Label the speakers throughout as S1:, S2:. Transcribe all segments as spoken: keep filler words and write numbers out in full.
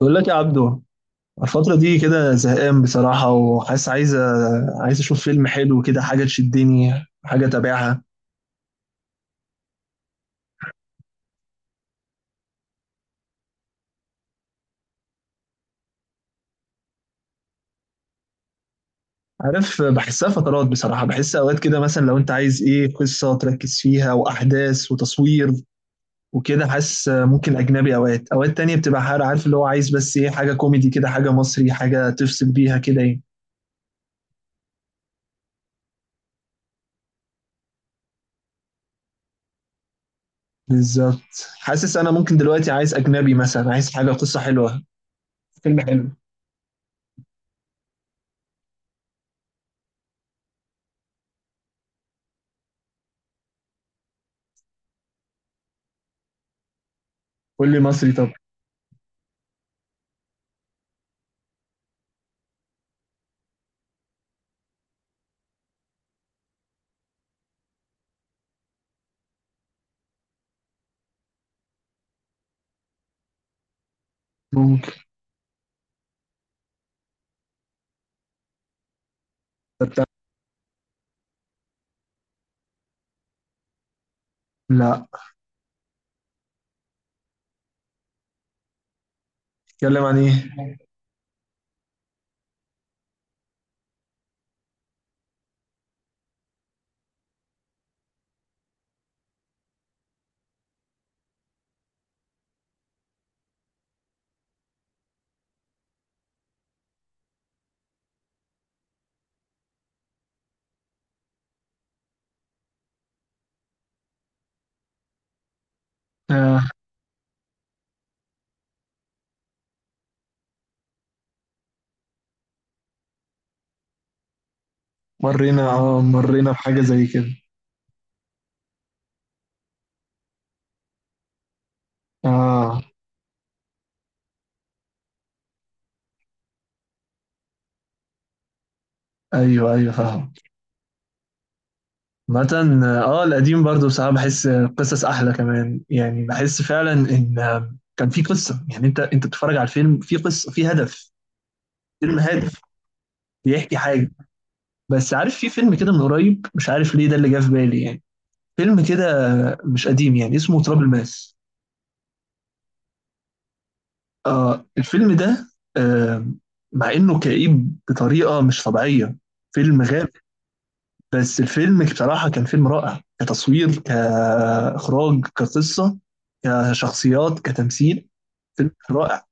S1: بقول لك يا عبدو، الفترة دي كده زهقان بصراحة، وحاسس عايز عايز أشوف فيلم حلو كده، حاجة تشدني، حاجة أتابعها. عارف بحسها فترات بصراحة، بحس أوقات كده مثلا لو أنت عايز إيه، قصة تركز فيها وأحداث وتصوير وكده، حاسس ممكن أجنبي. أوقات أوقات تانية بتبقى حار- عارف اللي هو عايز، بس إيه، حاجة كوميدي كده، حاجة مصري، حاجة تفصل بيها كده يعني. بالظبط، حاسس أنا ممكن دلوقتي عايز أجنبي، مثلا عايز حاجة قصة حلوة، فيلم حلو. قول لي مصري طب. ممكن. لا، اتكلم عن ايه؟ آه. مرينا، اه مرينا بحاجه زي كده. اه. ايوه ايوه فاهم. مثلا اه، آه، القديم برضو بصراحه بحس قصص احلى كمان، يعني بحس فعلا ان آه، كان في قصه، يعني انت انت بتتفرج على الفيلم في قصه، في هدف. فيلم هادف بيحكي حاجه. بس عارف، في فيلم كده من قريب، مش عارف ليه ده اللي جه في بالي يعني. فيلم كده آه، مش قديم، يعني اسمه تراب الماس. اه الفيلم ده. آه. مع انه كئيب بطريقه مش طبيعيه، فيلم غامق. بس الفيلم بصراحة كان فيلم رائع، كتصوير، كإخراج، كقصة، كشخصيات، كتمثيل. فيلم رائع.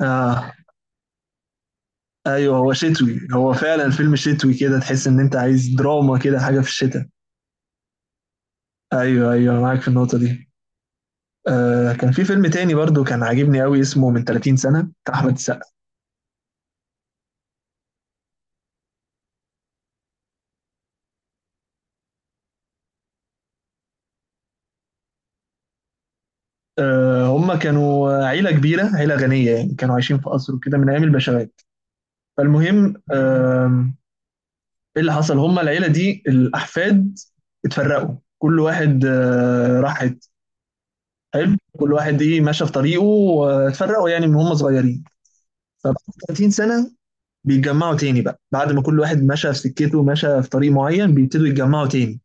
S1: آه. أيوه هو شتوي، هو فعلا فيلم شتوي كده، تحس إن أنت عايز دراما كده، حاجة في الشتاء. أيوه أيوه معاك في النقطة دي. آه، كان في فيلم تاني برضو كان عاجبني قوي، اسمه من تلاتين سنة، بتاع أحمد السقا. آه، هم كانوا عيلة كبيرة، عيلة غنية يعني، كانوا عايشين في قصر وكده من أيام البشوات. فالمهم آه، ايه اللي حصل، هما العيله دي الاحفاد اتفرقوا، كل واحد آه، راح حته. حلو. كل واحد ايه ماشى في طريقه، واتفرقوا يعني من هم صغيرين. فبعد تلاتين سنه بيتجمعوا تاني بقى، بعد ما كل واحد مشى في سكته، مشى في طريق معين، بيبتدوا يتجمعوا تاني.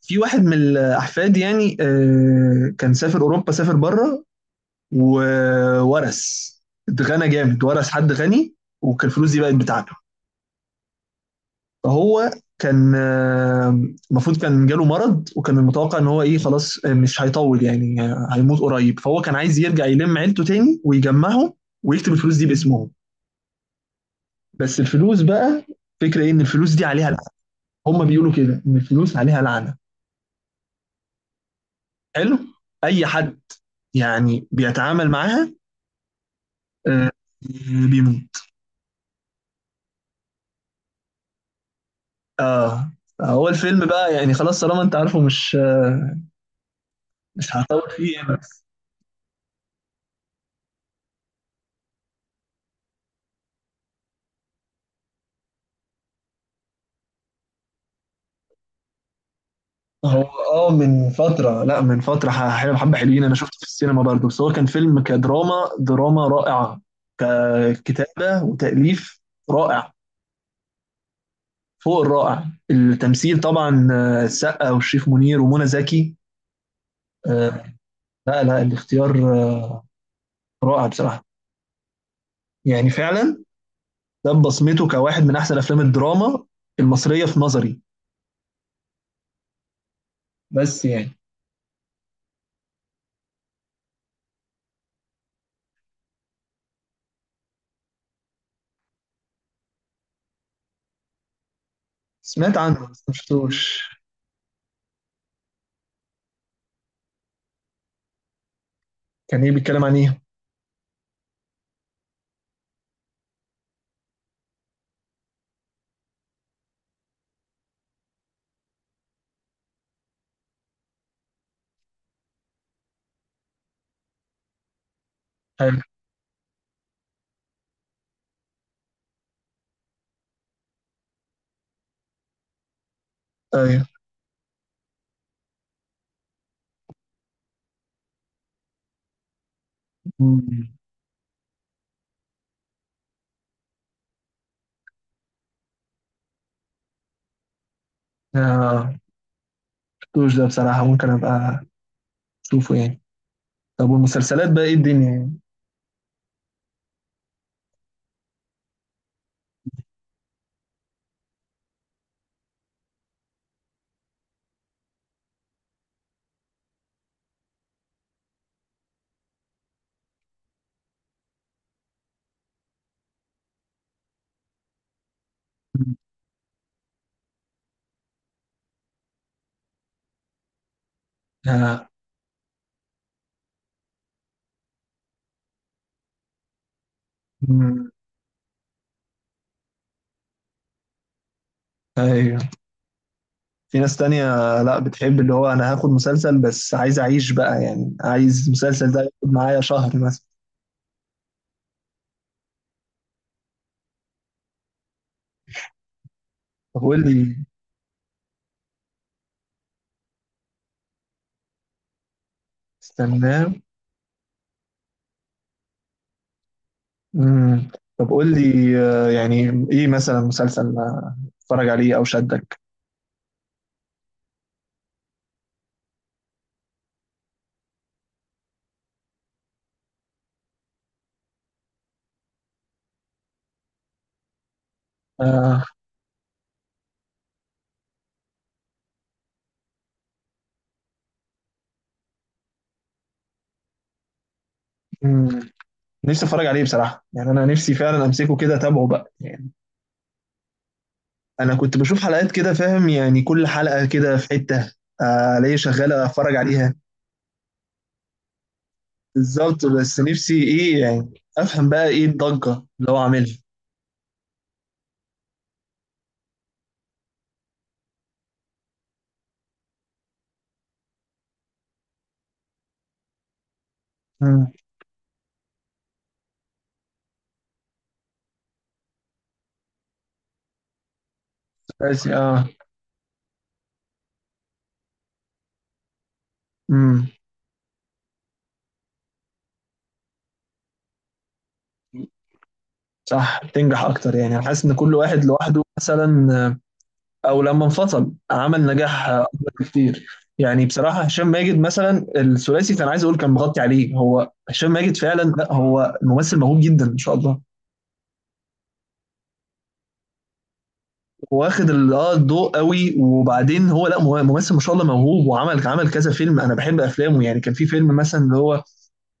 S1: في واحد من الاحفاد يعني، آه، كان سافر اوروبا، سافر بره، وورث، اتغنى جامد، ورث حد غني، وكان الفلوس دي بقت بتاعته. هو كان آه، المفروض كان جاله مرض، وكان المتوقع ان هو ايه، خلاص آه، مش هيطول يعني، آه، هيموت قريب. فهو كان عايز يرجع يلم عيلته تاني ويجمعهم ويكتب الفلوس دي باسمهم. بس الفلوس بقى، فكرة ايه ان الفلوس دي عليها لعنة، هم بيقولوا كده ان الفلوس عليها لعنة. حلو. اي حد يعني بيتعامل معاها آه، بيموت. اه. هو الفيلم بقى يعني خلاص طالما انت عارفه، مش آه، مش هطول فيه يعني. هو اه من فترة، لا من فترة ح- حلو حبة، حلوين. أنا شفته في السينما برضه، بس هو كان فيلم كدراما، دراما رائعة، ككتابة وتأليف رائع، فوق الرائع. التمثيل طبعا آه، السقا والشريف منير ومنى زكي، آه، لا لا، الاختيار آه، رائع بصراحة، يعني فعلا ده بصمته كواحد من أحسن أفلام الدراما المصرية في نظري. بس يعني سمعت عنه بس ما شفتوش. كان إيه بيتكلم عن إيه؟ حلو. أيوه. مم. آه. شفتوش ده بصراحة، ممكن أبقى أشوفه يعني. طب والمسلسلات بقى إيه الدنيا يعني؟ آه. مم. أيوه. في ناس تانية لا بتحب اللي هو أنا هاخد مسلسل، بس عايز أعيش بقى يعني، عايز المسلسل ده ياخد معايا شهر مثلا. طب قول لي. استناه. مم. طب قول لي آه، يعني إيه مثلا مسلسل آه، اتفرج عليه أو شدك. آه. مم. نفسي أتفرج عليه بصراحة، يعني أنا نفسي فعلا أمسكه كده أتابعه بقى. انا كنت بشوف حلقات كده، فاهم يعني كل حلقه كده في حته، آه، الاقي شغاله اتفرج عليها. بالظبط، بس نفسي ايه يعني، افهم بقى ايه الضجه اللي هو عاملها. مم. بس اه. امم. صح، بتنجح اكتر، يعني انا حاسس ان كل واحد لوحده مثلا آه، او لما انفصل عمل نجاح آه، اكبر بكتير. يعني بصراحه هشام ماجد مثلا، الثلاثي كان عايز اقول كان مغطي عليه، هو هشام ماجد فعلا، لا هو ممثل موهوب جدا ما شاء الله. واخد ال- اه الضوء قوي. وبعدين هو لا، مه- ممثل ما شاء الله موهوب، وعمل عمل كذا فيلم، انا بحب افلامه يعني. كان في فيلم مثلا اللي هو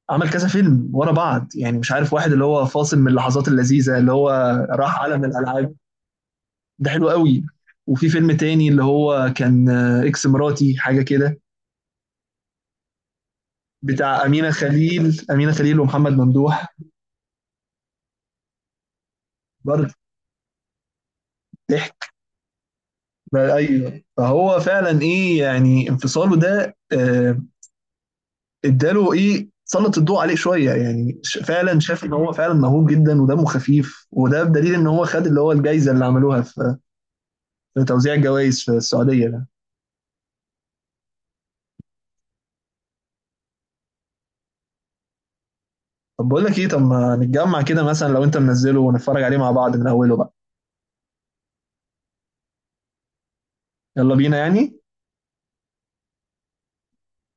S1: عمل كذا فيلم ورا بعض، يعني مش عارف واحد اللي هو فاصل، من اللحظات اللذيذه اللي هو راح عالم الالعاب، ده حلو قوي. وفي فيلم تاني اللي هو كان آه، اكس مراتي حاجه كده، بتاع امينه خليل، امينه خليل ومحمد ممدوح برضه. ضحك بقى- ايوه، فهو فعلا ايه يعني، انفصاله ده آه، اداله ايه، سلط الضوء عليه شويه، يعني ش- فعلا شاف ان هو فعلا موهوب جدا ودمه خفيف. وده بدليل ان هو خد اللي هو الجائزه اللي عملوها في في توزيع الجوائز في السعوديه ده. طب بقول لك ايه، طب ما نتجمع كده مثلا، لو انت منزله ونتفرج عليه مع بعض من اوله بقى. يلا بينا يعني.